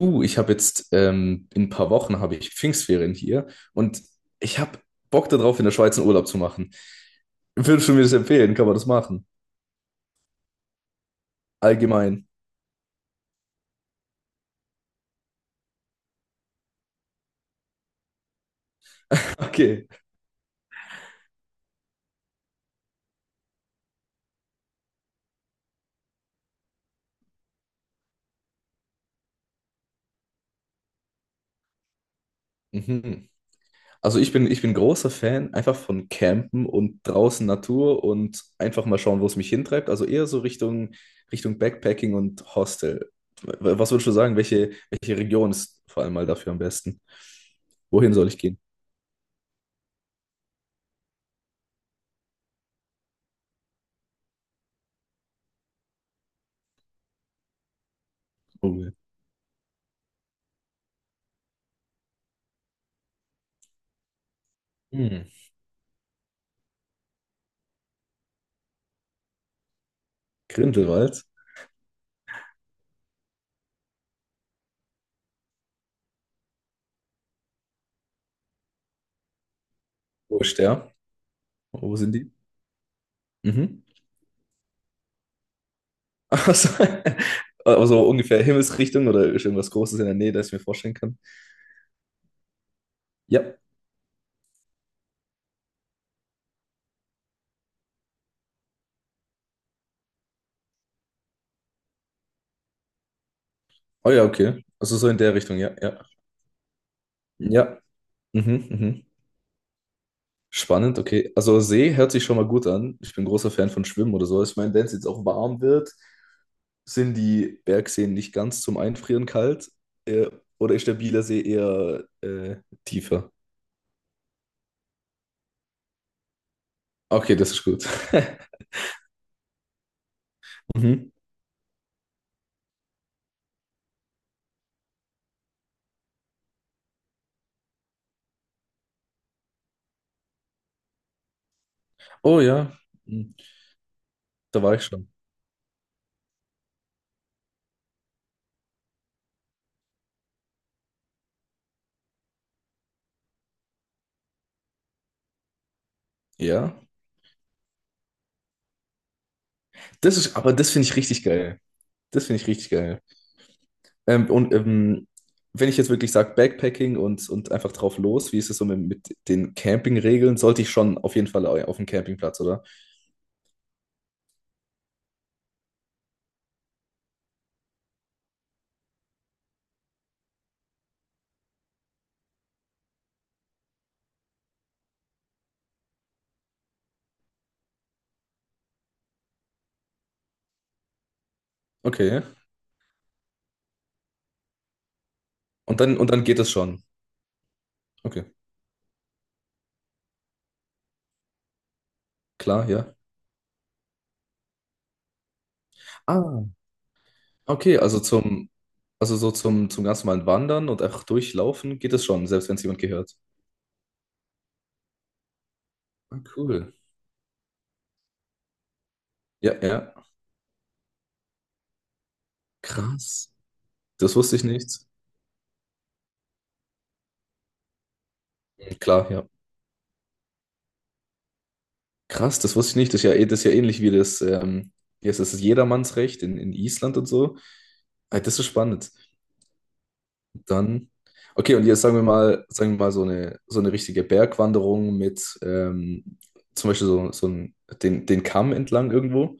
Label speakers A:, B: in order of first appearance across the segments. A: Ich habe jetzt in ein paar Wochen habe ich Pfingstferien hier und ich habe Bock darauf, in der Schweiz einen Urlaub zu machen. Würdest du mir das empfehlen? Kann man das machen? Allgemein. Okay. Mhm. Also ich bin großer Fan einfach von Campen und draußen Natur und einfach mal schauen, wo es mich hintreibt. Also eher so Richtung Backpacking und Hostel. Was würdest du sagen? Welche Region ist vor allem mal dafür am besten? Wohin soll ich gehen? Oh, hm. Grindelwald. Wo ist der? Oh, wo sind die? Mhm. Also, also ungefähr Himmelsrichtung oder ist irgendwas Großes in der Nähe, das ich mir vorstellen kann. Ja. Oh ja, okay. Also so in der Richtung, ja, ja. Ja. Mhm, mhm. Spannend, okay. Also See hört sich schon mal gut an. Ich bin großer Fan von Schwimmen oder so. Ich meine, wenn es jetzt auch warm wird, sind die Bergseen nicht ganz zum Einfrieren kalt. Äh, oder ist der Bieler See eher tiefer? Okay, das ist gut. Mhm. Oh ja, mhm, da war ich schon. Ja. Aber das finde ich richtig geil. Das finde ich richtig geil. Ähm, und ähm, Wenn ich jetzt wirklich sage, Backpacking und einfach drauf los, wie ist es so mit den Campingregeln? Sollte ich schon auf jeden Fall auf dem Campingplatz, oder? Okay. Und dann geht es schon. Okay, klar, ja. Ah, okay, also so zum ganz normalen Wandern und einfach durchlaufen geht es schon, selbst wenn es jemand gehört. Ah, cool. Ja, ja. Krass. Das wusste ich nicht. Klar, ja. Krass, das wusste ich nicht. Das ist ja, das ist ja ähnlich wie das, wie heißt das, das Jedermannsrecht in Island und so. Ah, das ist so spannend. Dann, okay, und jetzt sagen wir mal so eine richtige Bergwanderung mit zum Beispiel den, den Kamm entlang irgendwo.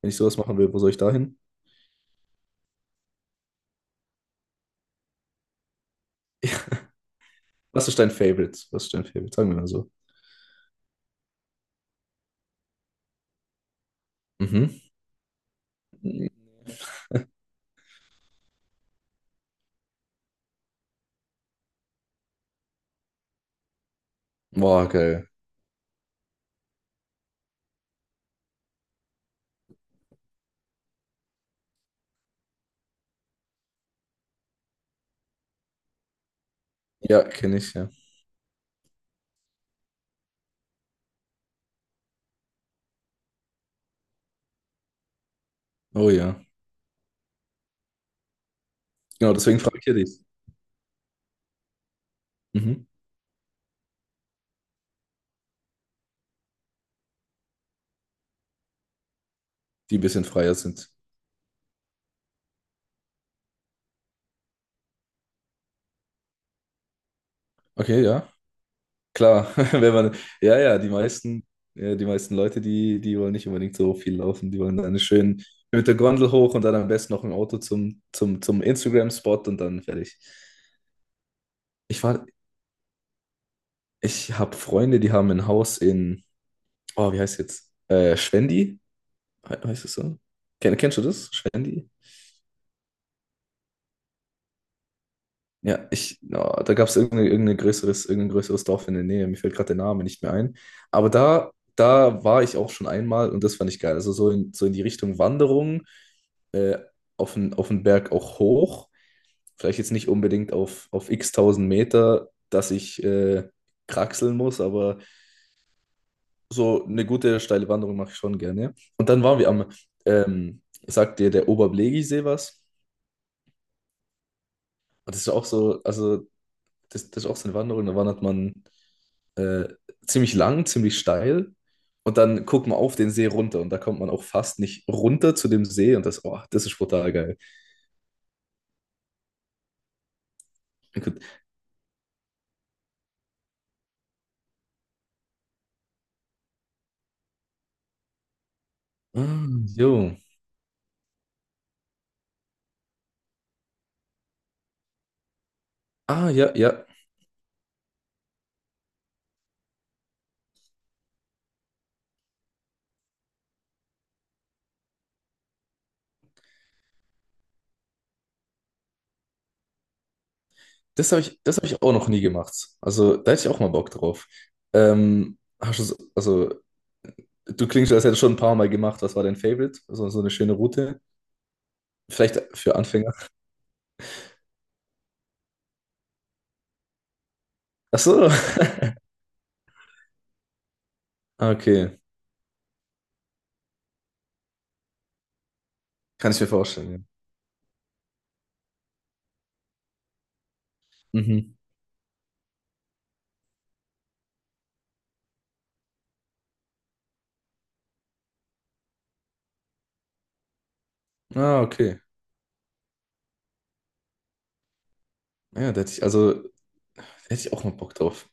A: Wenn ich sowas machen will, wo soll ich da hin? Ja, was ist dein Favorite? Was ist dein Favorite? Sagen wir mal so. Mhm. Boah, geil. Ja, kenne ich, ja. Oh ja. Genau, deswegen frage ich ja dich. Mhm. Die ein bisschen freier sind. Okay, ja. Klar, wenn man, ja, ja, ja, die meisten Leute, die wollen nicht unbedingt so viel laufen. Die wollen dann schön mit der Gondel hoch und dann am besten noch im Auto zum Instagram-Spot und dann fertig. Ich war, Ich habe Freunde, die haben ein Haus in, oh, wie heißt jetzt? Schwendi? Heißt es so? Kennst du das? Schwendi? Ja, ja, da gab es irgendein größeres, irgendein größeres Dorf in der Nähe. Mir fällt gerade der Name nicht mehr ein. Aber da, Da war ich auch schon einmal und das fand ich geil. Also so in, so in die Richtung Wanderung, äh, auf den Berg auch hoch. Vielleicht jetzt nicht unbedingt auf x tausend Meter, dass ich kraxeln muss, aber so eine gute steile Wanderung mache ich schon gerne. Und dann waren wir am, ähm, Sagt dir der Oberblegisee was? Und das ist auch so, das ist auch so eine Wanderung, da wandert man äh, ziemlich lang, ziemlich steil und dann guckt man auf den See runter und da kommt man auch fast nicht runter zu dem See und das, oh, das ist brutal geil. Gut. Ah, jo. Ah, ja, ja. Das hab ich auch noch nie gemacht. Also, da hätte ich auch mal Bock drauf. Hast du, also, du klingst, als hättest du schon ein paar Mal gemacht. Was war dein Favorite? So, so eine schöne Route? Vielleicht für Anfänger. Ach so. Ah, okay. Kann ich mir vorstellen, ja. Mhm. Ah, okay. Ja, da hätte ich auch mal Bock drauf.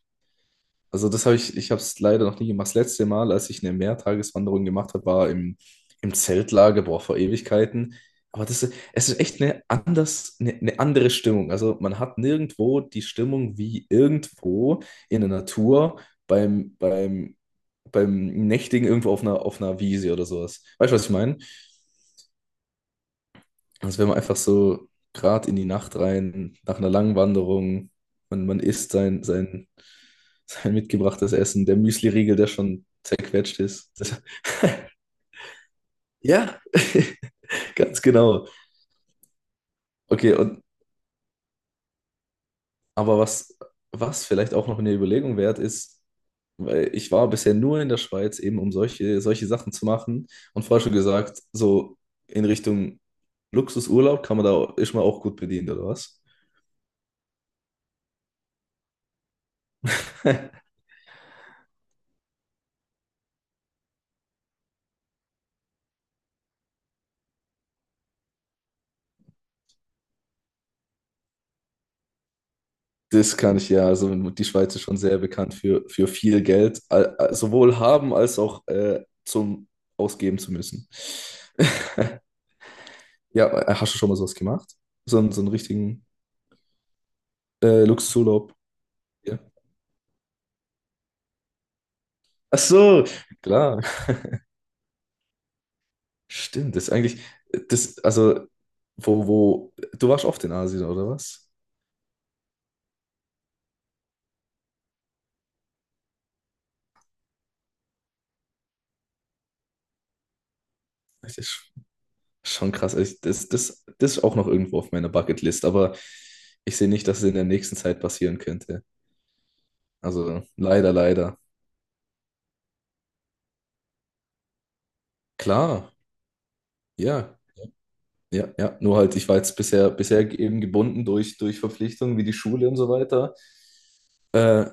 A: Ich habe es leider noch nie gemacht. Das letzte Mal, als ich eine Mehrtageswanderung gemacht habe, im Zeltlager, boah, vor Ewigkeiten. Es ist echt eine andere Stimmung. Also, man hat nirgendwo die Stimmung wie irgendwo in der Natur beim, beim, beim Nächtigen irgendwo auf einer Wiese oder sowas. Weißt du, was ich meine? Also wenn man einfach so gerade in die Nacht rein, nach einer langen Wanderung, man isst sein mitgebrachtes Essen, der Müsli-Riegel, der schon zerquetscht ist. Das, ja, ganz genau. Okay, und aber was, was vielleicht auch noch eine Überlegung wert ist, weil ich war bisher nur in der Schweiz, eben um solche Sachen zu machen. Und vorher schon gesagt, so in Richtung Luxusurlaub ist man auch gut bedient, oder was? Das kann ich ja. Also die Schweiz ist schon sehr bekannt für viel Geld, sowohl haben als auch zum Ausgeben zu müssen. Ja, hast du schon mal sowas gemacht? So, so einen richtigen Luxusurlaub? Ja. Ach so, klar. Stimmt, das ist eigentlich, das, also, wo, wo, du warst oft in Asien, oder was? Das ist schon krass. Das ist auch noch irgendwo auf meiner Bucketlist, aber ich sehe nicht, dass es in der nächsten Zeit passieren könnte. Also, leider, leider. Klar. Ja, ja, ja. Nur halt, ich war jetzt bisher eben gebunden durch Verpflichtungen wie die Schule und so weiter. Äh,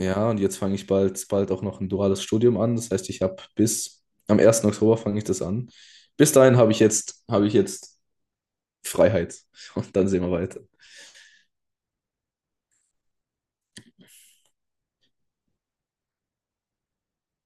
A: ja, und jetzt fange ich bald auch noch ein duales Studium an. Das heißt, ich habe bis am 1. Oktober fange ich das an. Bis dahin habe ich jetzt Freiheit. Und dann sehen wir weiter.